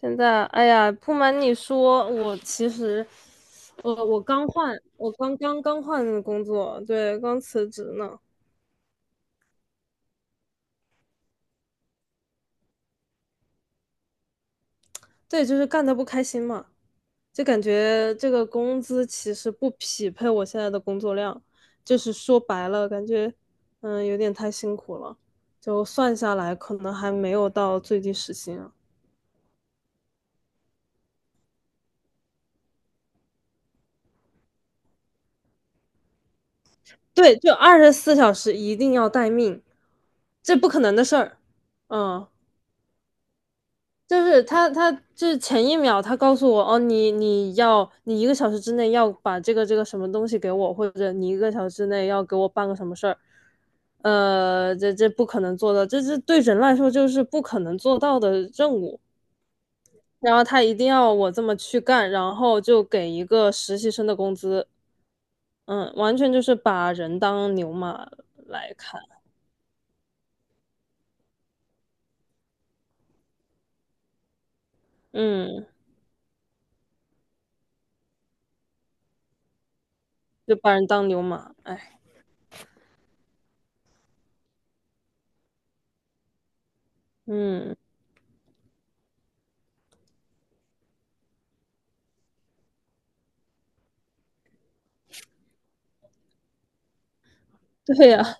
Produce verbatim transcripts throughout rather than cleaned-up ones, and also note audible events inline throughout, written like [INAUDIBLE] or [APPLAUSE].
现在，哎呀，不瞒你说，我其实，我我刚换，我刚刚刚换工作，对，刚辞职呢。对，就是干的不开心嘛，就感觉这个工资其实不匹配我现在的工作量，就是说白了，感觉嗯有点太辛苦了，就算下来可能还没有到最低时薪啊。对，就二十四小时一定要待命，这不可能的事儿。嗯。就是他，他就是前一秒他告诉我，哦，你你要你一个小时之内要把这个这个什么东西给我，或者你一个小时之内要给我办个什么事儿，呃，这这不可能做到，这这对人来说就是不可能做到的任务。然后他一定要我这么去干，然后就给一个实习生的工资，嗯，完全就是把人当牛马来看，嗯，就把人当牛马，哎，嗯，对呀，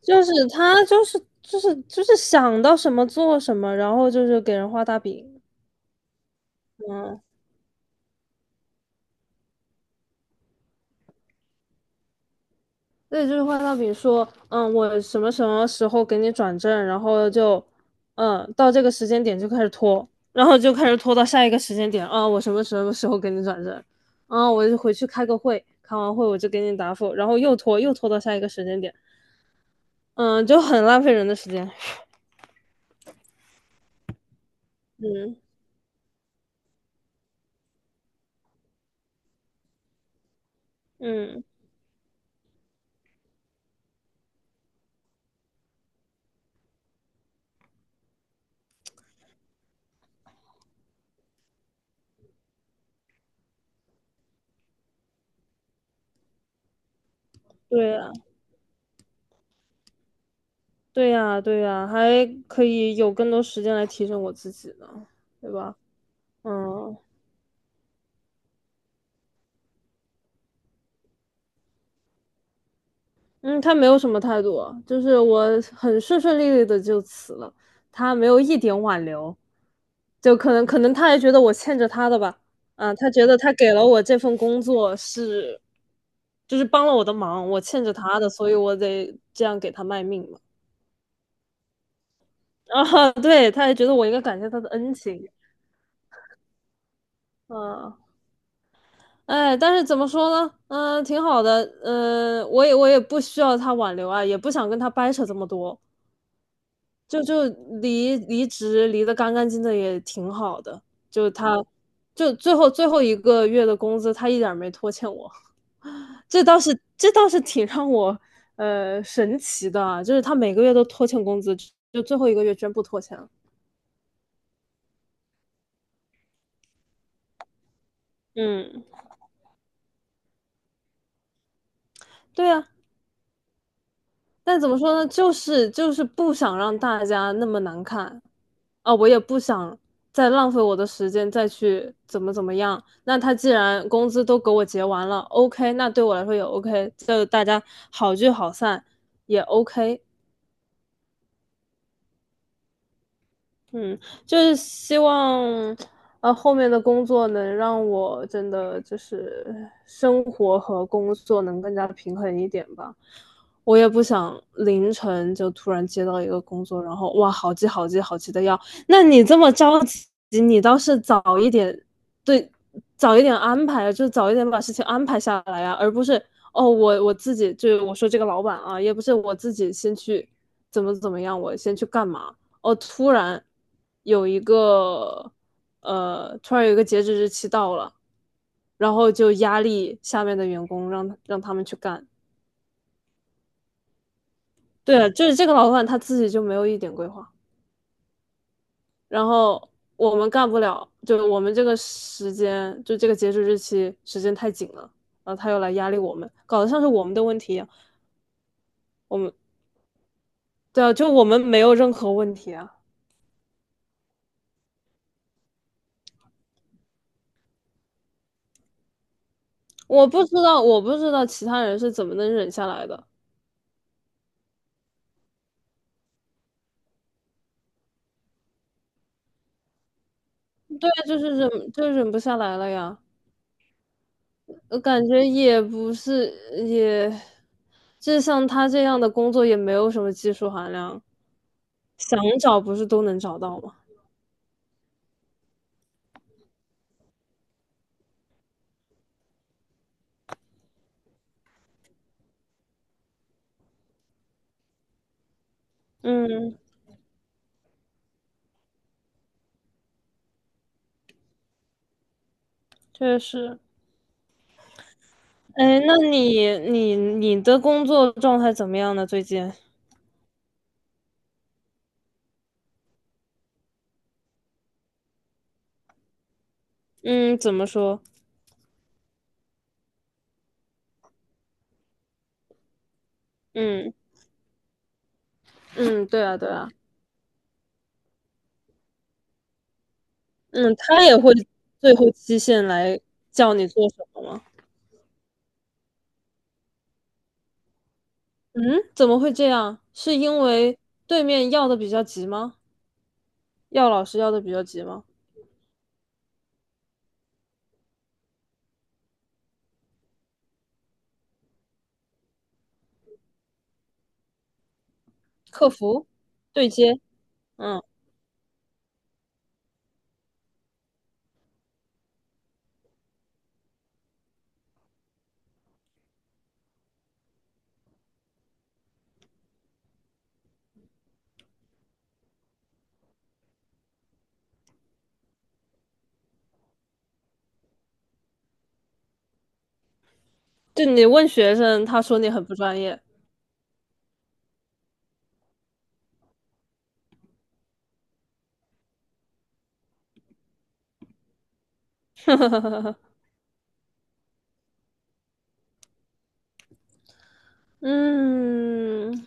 就是他就是就是就是想到什么做什么，然后就是给人画大饼，嗯，对，就是画大饼说，嗯，我什么什么时候给你转正，然后就，嗯，到这个时间点就开始拖，然后就开始拖到下一个时间点，啊，我什么什么时候给你转正，啊，我就回去开个会，开完会我就给你答复，然后又拖又拖到下一个时间点，嗯，就很浪费人的时间，嗯嗯，对啊。对呀，对呀，还可以有更多时间来提升我自己呢，对吧？嗯嗯，他没有什么态度啊。就是我很顺顺利利的就辞了，他没有一点挽留，就可能可能他还觉得我欠着他的吧，啊，他觉得他给了我这份工作是，就是帮了我的忙，我欠着他的，所以我得这样给他卖命嘛。[LAUGHS] 啊，对，他还觉得我应该感谢他的恩情，嗯、哎，但是怎么说呢？嗯、挺好的。嗯、我也我也不需要他挽留啊，也不想跟他掰扯这么多，就就离离职离得干干净净也挺好的。就他，就最后最后一个月的工资，他一点儿没拖欠我，这倒是这倒是挺让我呃神奇的啊，就是他每个月都拖欠工资，就最后一个月居然不拖欠了。嗯，对啊。但怎么说呢，就是就是不想让大家那么难看啊，我也不想再浪费我的时间再去怎么怎么样。那他既然工资都给我结完了，OK，那对我来说也 OK，就大家好聚好散也 OK。嗯，就是希望，呃，后面的工作能让我真的就是生活和工作能更加平衡一点吧。我也不想凌晨就突然接到一个工作，然后哇，好急好急好急的要。那你这么着急，你倒是早一点，对，早一点安排，就早一点把事情安排下来呀，而不是哦，我我自己就我说这个老板啊，也不是我自己先去怎么怎么样，我先去干嘛。哦，突然有一个呃，突然有一个截止日期到了，然后就压力下面的员工让他让他们去干。对啊，就是这个老板他自己就没有一点规划，然后我们干不了，就我们这个时间就这个截止日期时间太紧了，然后他又来压力我们，搞得像是我们的问题一样。我们对啊，就我们没有任何问题啊。我不知道，我不知道其他人是怎么能忍下来的。对啊，就是忍，就忍不下来了呀。我感觉也不是，也，就像他这样的工作也没有什么技术含量，想找不是都能找到吗？嗯，确实。哎，那你你你的工作状态怎么样呢？最近？嗯，怎么说？嗯嗯，对啊对啊，嗯，他也会最后期限来叫你做什么吗？嗯，怎么会这样？是因为对面要的比较急吗？要老师要的比较急吗？客服对接，嗯。就你问学生，他说你很不专业。嗯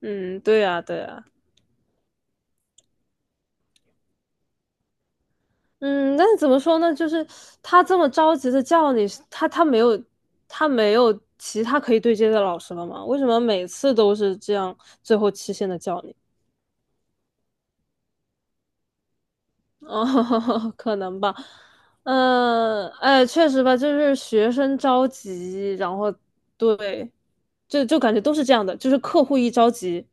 嗯，对呀，对呀，嗯，但是怎么说呢？就是他这么着急的叫你，他他没有他没有其他可以对接的老师了吗？为什么每次都是这样，最后期限的叫你？哦，[LAUGHS] 可能吧。嗯，哎，确实吧，就是学生着急，然后对，就就感觉都是这样的，就是客户一着急，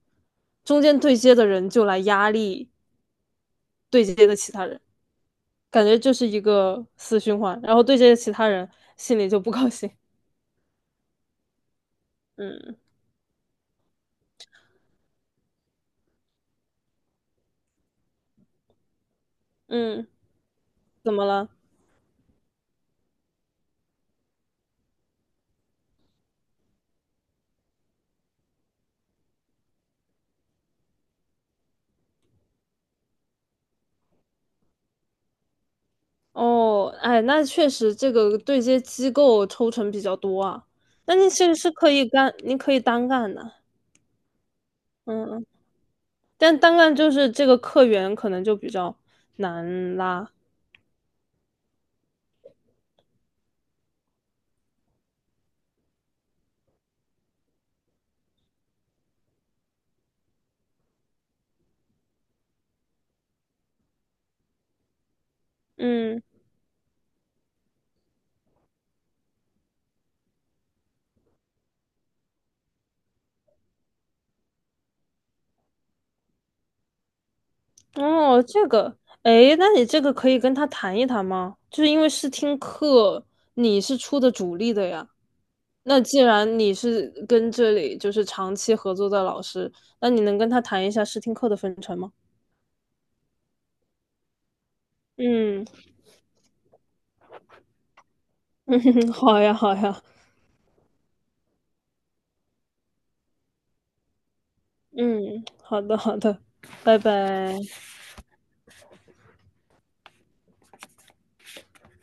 中间对接的人就来压力对接的其他人，感觉就是一个死循环。然后对接的其他人心里就不高兴，[LAUGHS] 嗯嗯，怎么了？哦，哎，那确实这个对接机构抽成比较多啊。那你其实是可以干，你可以单干的，嗯，但单干就是这个客源可能就比较难拉，嗯，哦，这个，哎，那你这个可以跟他谈一谈吗？就是因为试听课你是出的主力的呀。那既然你是跟这里就是长期合作的老师，那你能跟他谈一下试听课的分成吗？嗯 [LAUGHS] 嗯，好呀好呀，嗯，好的好的，拜拜。